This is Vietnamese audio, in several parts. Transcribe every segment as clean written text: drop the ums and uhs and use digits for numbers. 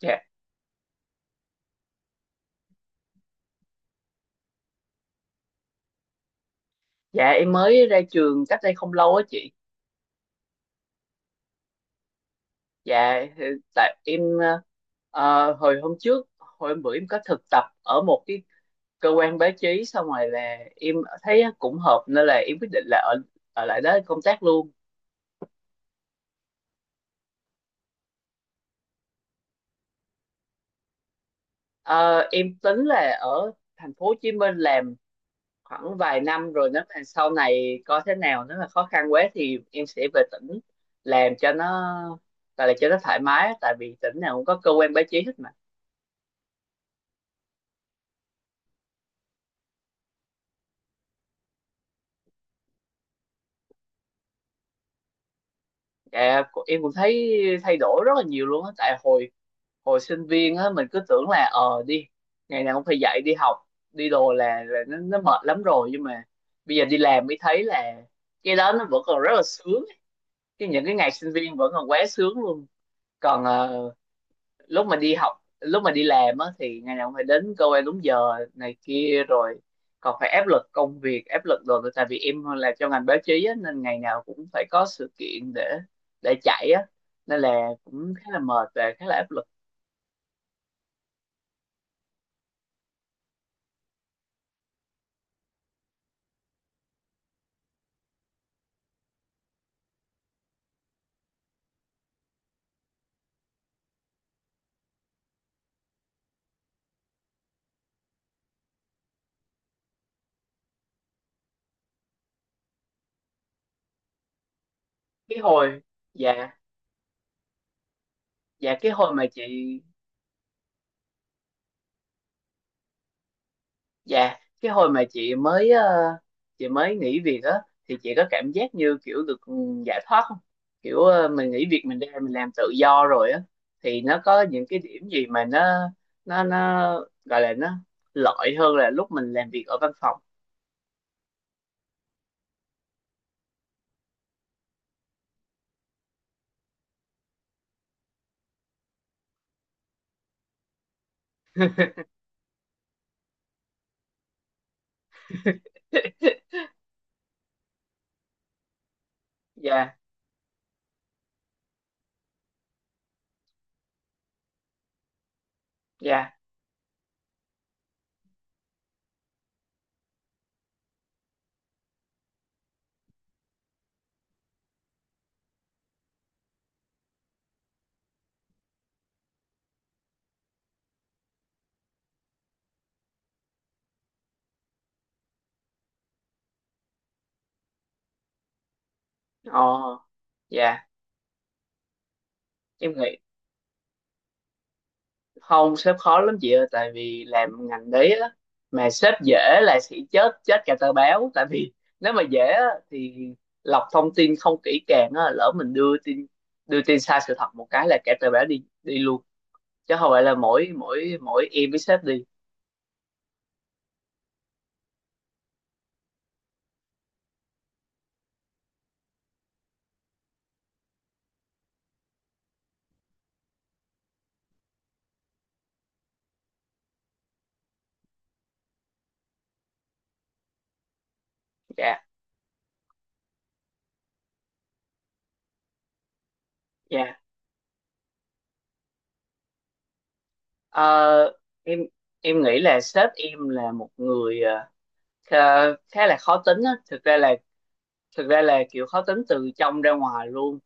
Dạ, dạ, em mới ra trường cách đây không lâu á chị. Dạ, thì tại em hồi hôm bữa em có thực tập ở một cái cơ quan báo chí, xong rồi là em thấy cũng hợp nên là em quyết định là ở ở lại đó công tác luôn. Ờ, em tính là ở thành phố Hồ Chí Minh làm khoảng vài năm, rồi nếu mà sau này coi thế nào, nếu mà khó khăn quá thì em sẽ về tỉnh làm cho nó, tại là cho nó thoải mái á, tại vì tỉnh nào cũng có cơ quan báo chí hết. Dạ, em cũng thấy thay đổi rất là nhiều luôn á, tại hồi hồi sinh viên á mình cứ tưởng là đi ngày nào cũng phải dậy đi học đi đồ là nó mệt lắm rồi, nhưng mà bây giờ đi làm mới thấy là cái đó nó vẫn còn rất là sướng. Những cái ngày sinh viên vẫn còn quá sướng luôn. Còn lúc mà đi học lúc mà đi làm á thì ngày nào cũng phải đến cơ quan đúng giờ này kia, rồi còn phải áp lực công việc, áp lực đồ, tại vì em làm trong ngành báo chí á, nên ngày nào cũng phải có sự kiện để chạy á, nên là cũng khá là mệt và khá là áp lực. Cái hồi Dạ, dạ, cái hồi mà chị dạ, cái hồi mà chị mới chị mới nghỉ việc á thì chị có cảm giác như kiểu được giải thoát không? Kiểu mình nghỉ việc, mình ra mình làm tự do rồi á, thì nó có những cái điểm gì mà nó gọi là nó lợi hơn là lúc mình làm việc ở văn phòng. Dạ, dạ. Ồ, dạ. Em nghĩ không, sếp khó lắm chị ơi, tại vì làm ngành đấy á mà sếp dễ là sẽ chết chết cả tờ báo. Tại vì nếu mà dễ á, thì lọc thông tin không kỹ càng á, lỡ mình đưa tin sai sự thật một cái là cả tờ báo đi đi luôn, chứ không phải là mỗi mỗi mỗi em với sếp đi. Dạ, dạ. Ờ, em em nghĩ là sếp em là một người khá khá là khó tính á, thực ra là, kiểu khó tính từ trong ra ngoài luôn.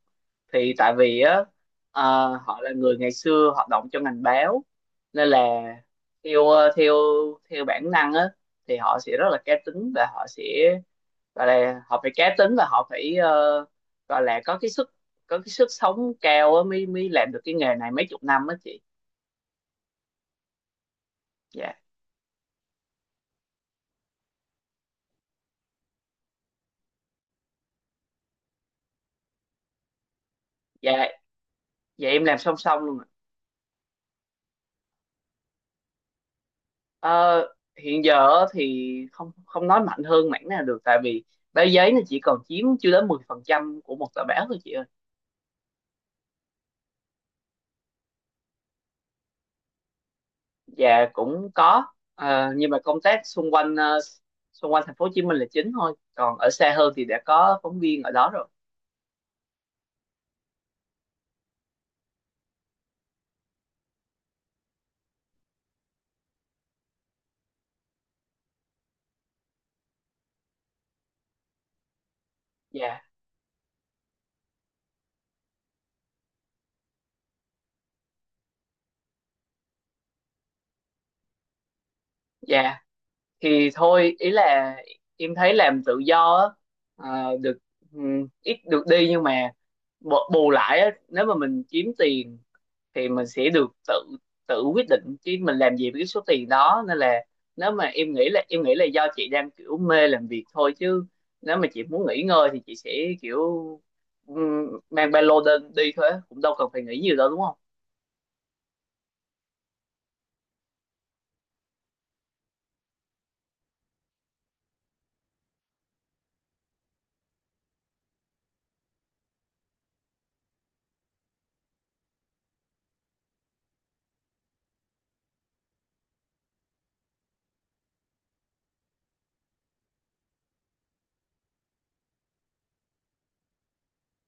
Thì tại vì á họ là người ngày xưa hoạt động trong ngành báo, nên là theo ờ, theo theo bản năng á, thì họ sẽ rất là cá tính và họ sẽ gọi là họ phải cá tính và họ phải gọi là có cái sức sống cao á mới mới làm được cái nghề này mấy chục năm á chị. Dạ, dạ, dạ, em làm song song luôn ạ. Ờ, hiện giờ á thì không không nói mạnh hơn mảng nào được, tại vì báo giấy nó chỉ còn chiếm chưa đến 10% của một tờ báo thôi chị ơi. Dạ, cũng có. Nhưng mà công tác xung quanh xung quanh thành phố Hồ Chí Minh là chính thôi, còn ở xa hơn thì đã có phóng viên ở đó rồi. Dạ, dạ, thì thôi, ý là em thấy làm tự do á, được, ít được đi, nhưng mà bù bù lại á, nếu mà mình kiếm tiền thì mình sẽ được tự tự quyết định chứ mình làm gì với cái số tiền đó, nên là nếu mà em nghĩ là do chị đang kiểu mê làm việc thôi, chứ nếu mà chị muốn nghỉ ngơi thì chị sẽ kiểu ừm, mang ba lô lên đi thôi á, cũng đâu cần phải nghĩ nhiều đâu đúng không?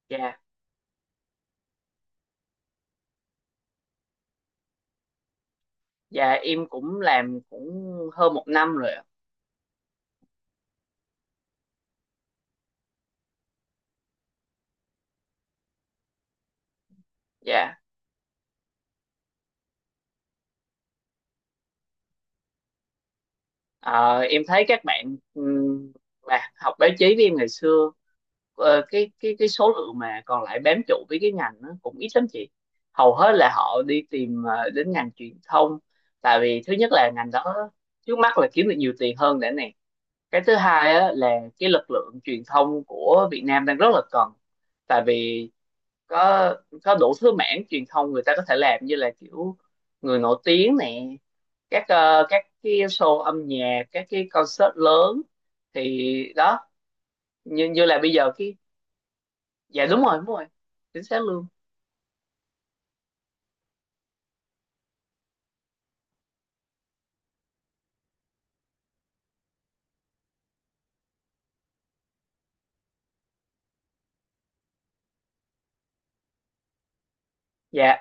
Dạ, dạ, em cũng làm cũng hơn một năm rồi ạ. Dạ. Ờ, em thấy các bạn mà học báo chí với em ngày xưa, cái số lượng mà còn lại bám trụ với cái ngành nó cũng ít lắm chị. Hầu hết là họ đi tìm đến ngành truyền thông, tại vì thứ nhất là ngành đó trước mắt là kiếm được nhiều tiền hơn đã nè. Cái thứ hai á, là cái lực lượng truyền thông của Việt Nam đang rất là cần, tại vì có đủ thứ mảng truyền thông người ta có thể làm, như là kiểu người nổi tiếng nè, các các cái show âm nhạc, các cái concert lớn, thì đó. Như như là bây giờ cái dạ đúng rồi, đúng rồi, chính xác luôn. Dạ,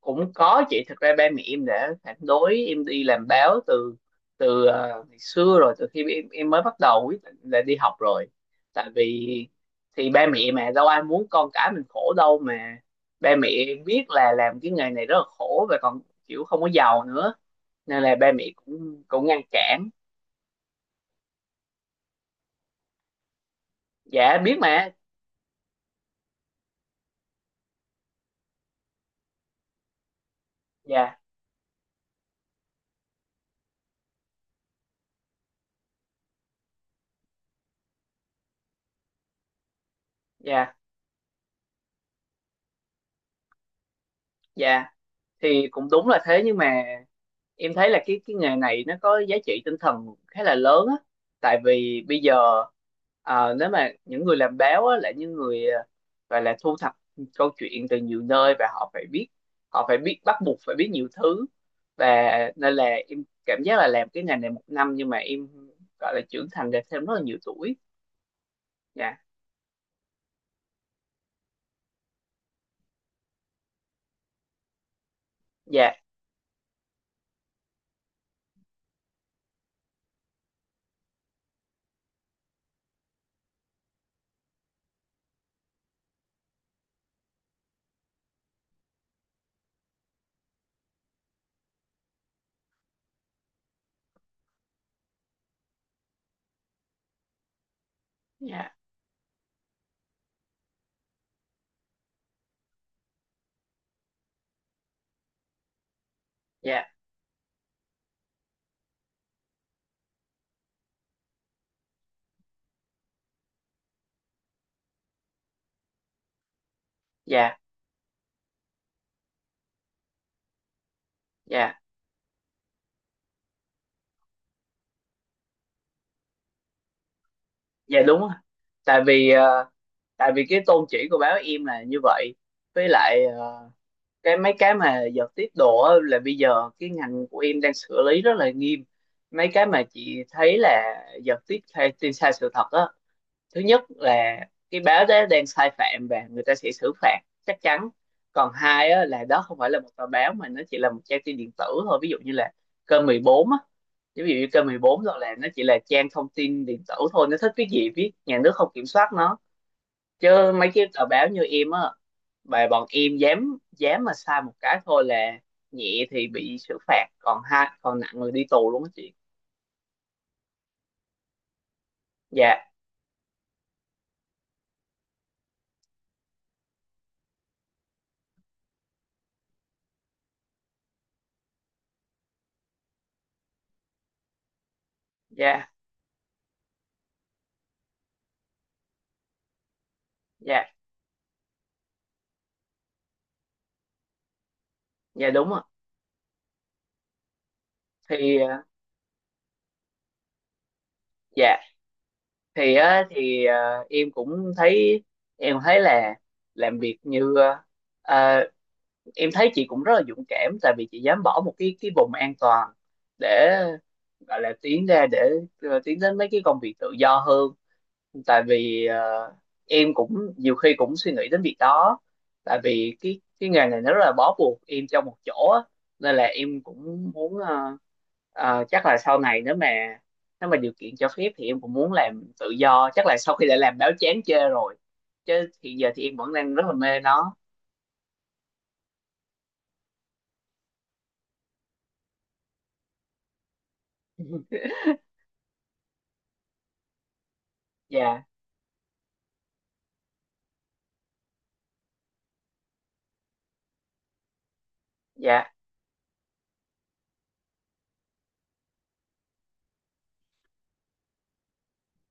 cũng có chị, thực ra ba mẹ em đã phản đối em đi làm báo từ từ ờ, ngày xưa rồi, từ khi em mới bắt đầu quyết định là đi học rồi, tại vì thì ba mẹ mà đâu ai muốn con cái mình khổ đâu mà. Ba mẹ em biết là làm cái nghề này rất là khổ và còn kiểu không có giàu nữa, nên là ba mẹ cũng cũng ngăn cản. Dạ, biết mà. Dạ, dạ, dạ, thì cũng đúng là thế, nhưng mà em thấy là cái nghề này nó có giá trị tinh thần khá là lớn á. Tại vì bây giờ nếu mà những người làm báo á là những người, gọi là thu thập câu chuyện từ nhiều nơi, và họ phải biết, bắt buộc phải biết nhiều thứ, và nên là em cảm giác là làm cái ngành này một năm nhưng mà em gọi là trưởng thành được thêm rất là nhiều tuổi. Dạ, dạ, dạ, dạ, dạ, dạ, dạ, đúng rồi. tại vì ờ, Tại vì cái tôn chỉ của báo em là như vậy. Với lại cái mấy cái mà giật tiếp độ á, là bây giờ cái ngành của em đang xử lý rất là nghiêm mấy cái mà chị thấy là giật tiếp hay tin sai sự thật á. Thứ nhất là cái báo đó đang sai phạm và người ta sẽ xử phạt chắc chắn, còn hai á, là đó không phải là một tờ báo mà nó chỉ là một trang tin điện tử thôi, ví dụ như là kênh 14 á, ví dụ như kênh 14 rồi, là nó chỉ là trang thông tin điện tử thôi, nó thích viết gì viết, nhà nước không kiểm soát nó. Chứ mấy cái tờ báo như em á, bài bọn em dám dám mà sai một cái thôi là nhẹ thì bị xử phạt, còn hai còn nặng là đi tù luôn á chị. Dạ, dạ, dạ, dạ, đúng ạ. Thì dạ, thì á, thì em cũng thấy em thấy là làm việc như ờ, em thấy chị cũng rất là dũng cảm, tại vì chị dám bỏ một cái vùng an toàn, để gọi là tiến ra, để tiến đến mấy cái công việc tự do hơn, tại vì em cũng nhiều khi cũng suy nghĩ đến việc đó, tại vì cái nghề này nó rất là bó buộc em trong một chỗ á. Nên là em cũng muốn chắc là sau này nếu mà điều kiện cho phép thì em cũng muốn làm tự do, chắc là sau khi đã làm báo chán chê rồi, chứ hiện giờ thì em vẫn đang rất là mê nó. Dạ, dạ,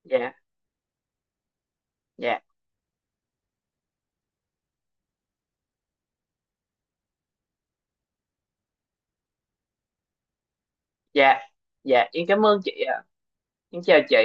dạ, dạ, dạ, dạ, em cảm ơn chị ạ. Em chào chị.